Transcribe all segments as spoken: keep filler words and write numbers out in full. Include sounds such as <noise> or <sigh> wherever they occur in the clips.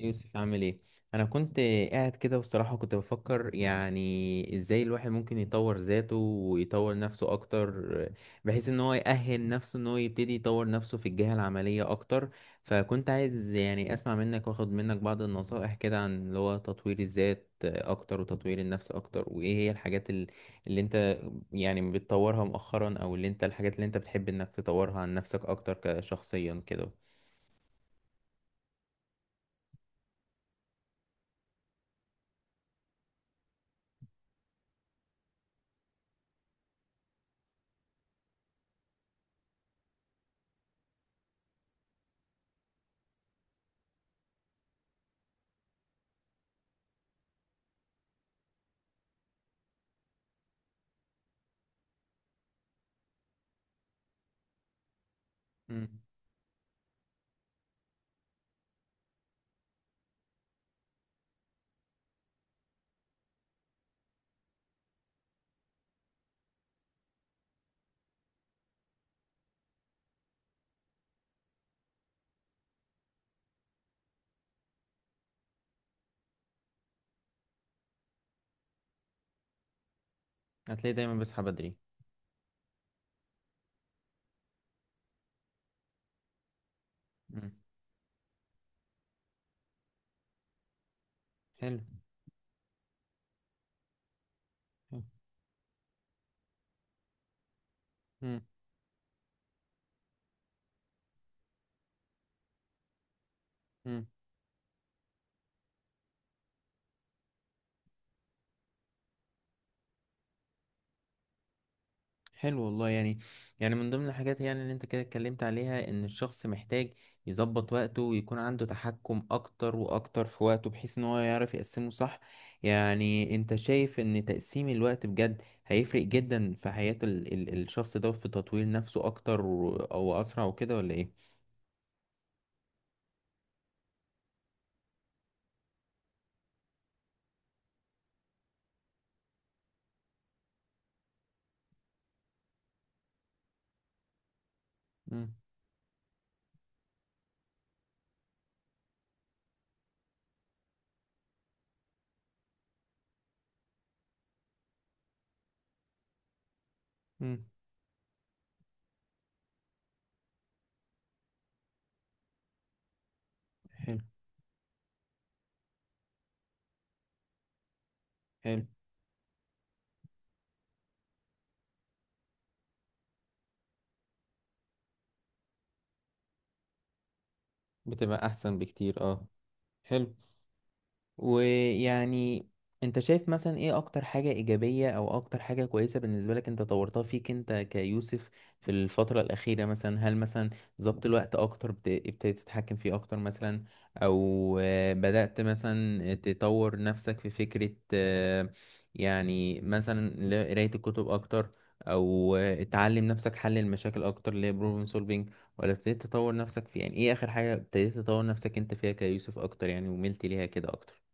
يوسف، عامل ايه؟ انا كنت قاعد كده، بصراحة كنت بفكر يعني ازاي الواحد ممكن يطور ذاته ويطور نفسه اكتر، بحيث ان هو يأهل نفسه، ان هو يبتدي يطور نفسه في الجهة العملية اكتر. فكنت عايز يعني اسمع منك واخد منك بعض النصائح كده عن اللي هو تطوير الذات اكتر وتطوير النفس اكتر، وايه هي الحاجات ال- اللي انت يعني بتطورها مؤخرا، او اللي انت الحاجات اللي انت بتحب انك تطورها عن نفسك اكتر كشخصيا كده. مم. هتلاقي دايما بصحى بدري. حلو. حلو. مم. مم. حلو والله يعني. يعني من ضمن الحاجات يعني اللي انت كده اتكلمت عليها ان الشخص محتاج يظبط وقته ويكون عنده تحكم اكتر واكتر في وقته، بحيث ان هو يعرف يقسمه صح. يعني انت شايف ان تقسيم الوقت بجد هيفرق جدا في حياة ال ال الشخص ده في تطوير نفسه اكتر و- او اسرع وكده ولا ايه؟ مم. مم. حلو. حلو. بتبقى احسن بكتير اه. حلو. ويعني انت شايف مثلا ايه اكتر حاجة ايجابية او اكتر حاجة كويسة بالنسبة لك انت طورتها فيك انت كيوسف في الفترة الاخيرة مثلا؟ هل مثلا ظبط الوقت اكتر، بت- ابتديت تتحكم فيه اكتر مثلا، او آه، بدأت مثلا تطور نفسك في فكرة، آه، يعني مثلا ل- قراية الكتب اكتر، او آه، تعلم نفسك حل المشاكل اكتر اللي هي بروبلم سولفينج، ولا ابتديت تطور نفسك في، يعني ايه اخر حاجة ابتديت تطور نفسك انت فيها كيوسف اكتر يعني وملت ليها كده اكتر؟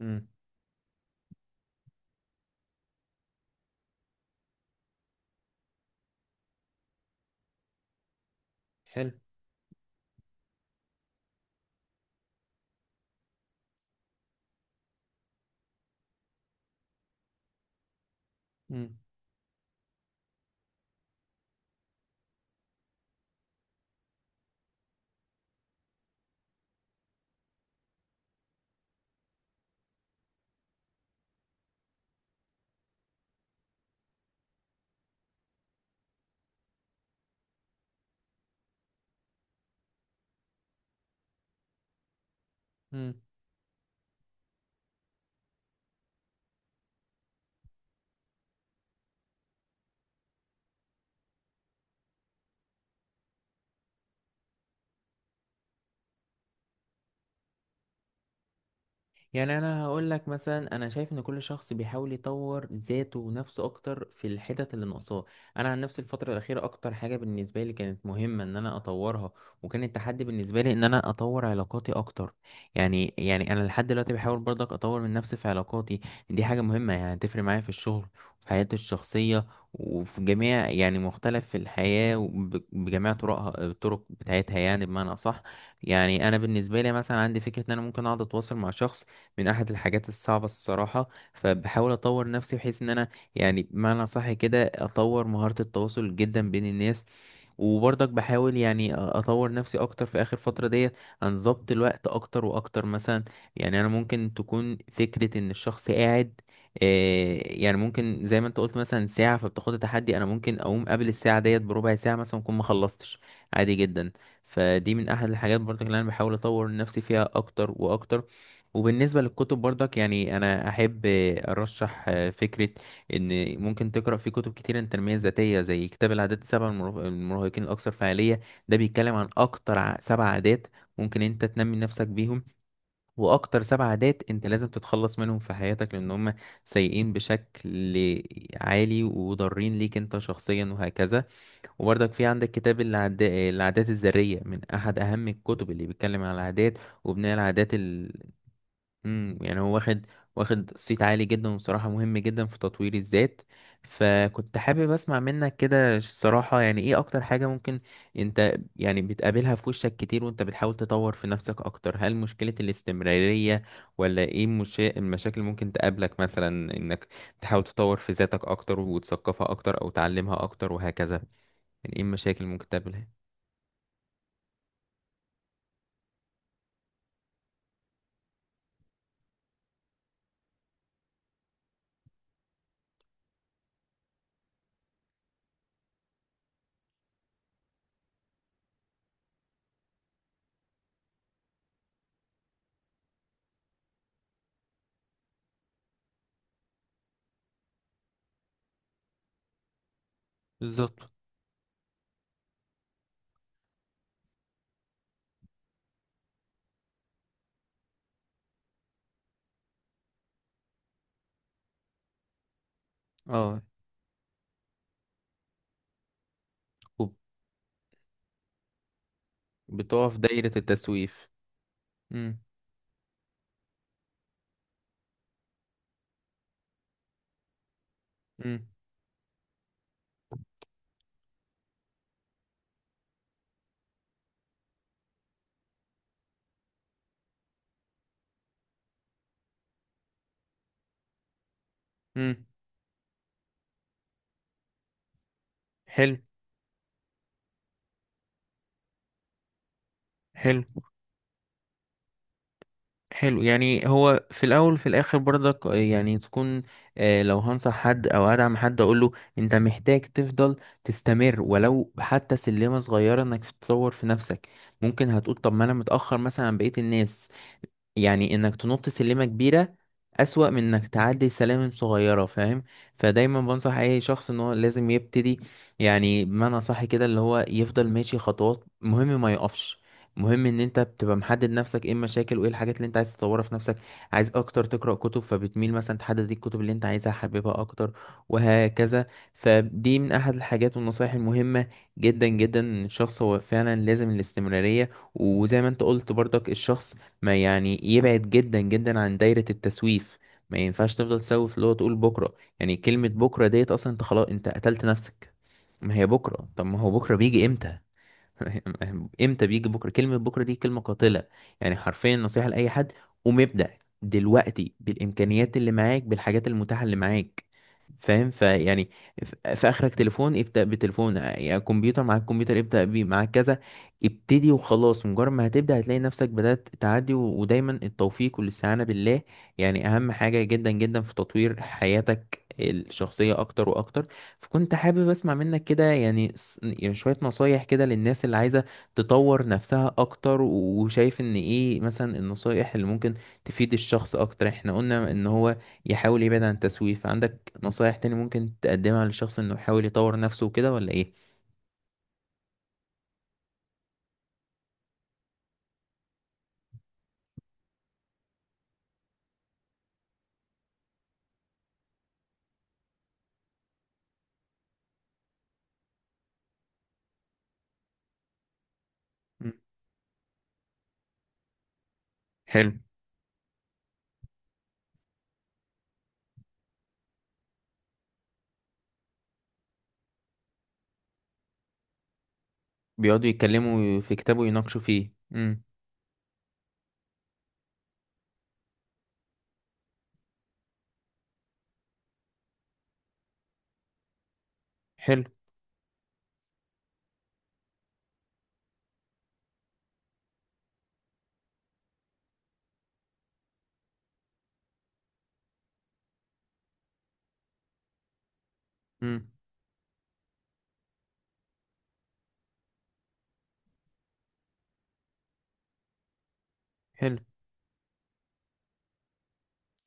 امم. حلو. امم. امم. يعني انا هقول لك مثلا، انا شايف ان كل شخص بيحاول يطور ذاته ونفسه اكتر في الحتت اللي ناقصاه. انا عن نفسي الفتره الاخيره اكتر حاجه بالنسبه لي كانت مهمه ان انا اطورها، وكان التحدي بالنسبه لي ان انا اطور علاقاتي اكتر. يعني يعني انا لحد دلوقتي بحاول برضك اطور من نفسي في علاقاتي. دي حاجه مهمه، يعني هتفرق معايا في الشغل وفي حياتي الشخصيه، وفي جميع يعني مختلف في الحياه، وب- بجميع طرقها الطرق بتاعتها يعني بمعنى اصح. يعني انا بالنسبه لي مثلا عندي فكره ان انا ممكن اقعد اتواصل مع شخص، من احد الحاجات الصعبة الصراحة. فبحاول اطور نفسي بحيث ان انا يعني بمعنى صح كده اطور مهارة التواصل جدا بين الناس. وبرضك بحاول يعني أ- اطور نفسي اكتر في اخر فترة ديت، عن ضبط الوقت اكتر واكتر مثلا. يعني انا ممكن تكون فكرة ان الشخص قاعد، آه، يعني ممكن زي ما انت قلت مثلا ساعة فبتاخد تحدي، انا ممكن اقوم قبل الساعة ديت بربع ساعة مثلا اكون ما خلصتش، عادي جدا. فدي من احد الحاجات برضك اللي انا بحاول اطور نفسي فيها اكتر واكتر. وبالنسبة للكتب برضك، يعني أنا أحب أرشح فكرة، إن ممكن تقرأ في كتب كتير عن التنمية الذاتية، زي كتاب العادات السبع المره- المراهقين الأكثر فعالية. ده بيتكلم عن أكتر ع- سبع عادات ممكن أنت تنمي نفسك بيهم، وأكتر سبع عادات أنت لازم تتخلص منهم في حياتك، لأن هم سيئين بشكل عالي وضارين ليك أنت شخصيا وهكذا. وبرضك في عندك كتاب العد... العادات الذرية، من أحد أهم الكتب اللي بيتكلم عن العادات وبناء العادات. امم. يعني هو واخد واخد صيت عالي جدا، وبصراحة مهم جدا في تطوير الذات. فكنت حابب اسمع منك كده الصراحة، يعني ايه اكتر حاجة ممكن انت يعني بتقابلها في وشك كتير وانت بتحاول تطور في نفسك اكتر؟ هل مشكلة الاستمرارية ولا ايه المشا... المشاكل ممكن تقابلك مثلا، انك تحاول تطور في ذاتك اكتر وتثقفها اكتر او تعلمها اكتر وهكذا؟ يعني ايه المشاكل ممكن تقابلها؟ بالظبط. اه. وب- بتقف دايرة التسويف. امم. امم. امم. حلو. حلو. حلو. يعني هو في الاول في الاخر برضك يعني تكون، آه، لو هنصح حد او ادعم حد اقول له انت محتاج تفضل تستمر، ولو حتى سلمة صغيرة انك تطور في نفسك. ممكن هتقول طب ما انا متأخر مثلا عن بقية الناس، يعني انك تنط سلمة كبيرة اسوأ من انك تعدي سلالم صغيرة، فاهم؟ فدايما بنصح اي شخص ان هو لازم يبتدي، يعني بمعنى صح كده اللي هو يفضل ماشي خطوات، مهم ما يقفش. مهم ان انت بتبقى محدد نفسك ايه المشاكل وايه الحاجات اللي انت عايز تطورها في نفسك. عايز اكتر تقرأ كتب، فبتميل مثلا تحدد الكتب اللي انت عايزها حاببها اكتر وهكذا. فدي من احد الحاجات والنصائح المهمة جدا جدا، إن الشخص هو فعلا لازم الاستمرارية. وزي ما انت قلت برضك، الشخص ما يعني يبعد جدا جدا عن دايرة التسويف. ما ينفعش تفضل تسوف، اللي هو تقول بكرة، يعني كلمة بكرة ديت اصلا انت خلاص، انت قتلت نفسك. ما هي بكرة، طب ما هو بكرة بيجي امتى؟ <laughs> امتى بيجي بكره؟ كلمه بكره دي كلمه قاتله. يعني حرفيا نصيحه لاي حد، قوم ابدا دلوقتي بالامكانيات اللي معاك، بالحاجات المتاحه اللي معاك، فاهم؟ فيعني ف- في اخرك تليفون ابدا بتليفون، يعني كمبيوتر معاك كمبيوتر ابدا بيه، معاك كذا ابتدي وخلاص. مجرد ما هتبدا هتلاقي نفسك بدات تعدي، و- ودايما التوفيق والاستعانه بالله يعني اهم حاجه جدا جدا في تطوير حياتك الشخصيه اكتر واكتر. فكنت حابب اسمع منك كده، يعني س- يعني شوية نصايح كده للناس اللي عايزة تطور نفسها اكتر، و- وشايف ان ايه مثلا النصايح اللي ممكن تفيد الشخص اكتر. احنا قلنا ان هو يحاول يبعد عن التسويف، فعندك نصايح تاني ممكن تقدمها للشخص انه يحاول يطور نفسه وكده ولا ايه؟ مم. حلو. بيقعدوا يتكلموا في كتابه ويناقشوا فيه. امم. حلو. امم. حلو.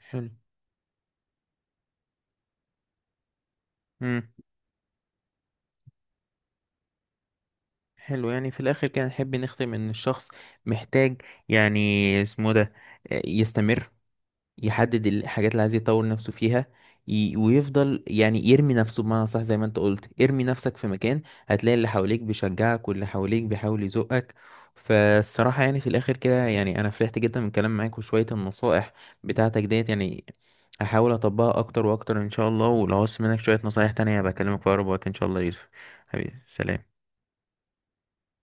حلو. امم. حلو. يعني في الاخر كده نحب نختم ان الشخص محتاج، يعني اسمه ده، آه، يستمر، يحدد الحاجات اللي عايز يطور نفسه فيها، ي- ويفضل يعني يرمي نفسه بمعنى صح، زي ما انت قلت ارمي نفسك في مكان هتلاقي اللي حواليك بيشجعك واللي حواليك بيحاول يزقك. فالصراحة يعني في الآخر كده، يعني أنا فرحت جدا من الكلام معاك وشوية النصائح بتاعتك ديت، يعني هحاول أطبقها أكتر وأكتر إن شاء الله، ولو عوزت منك شوية نصايح تانية بكلمك في أقرب وقت إن شاء الله يا يوسف. حبيبي، سلام.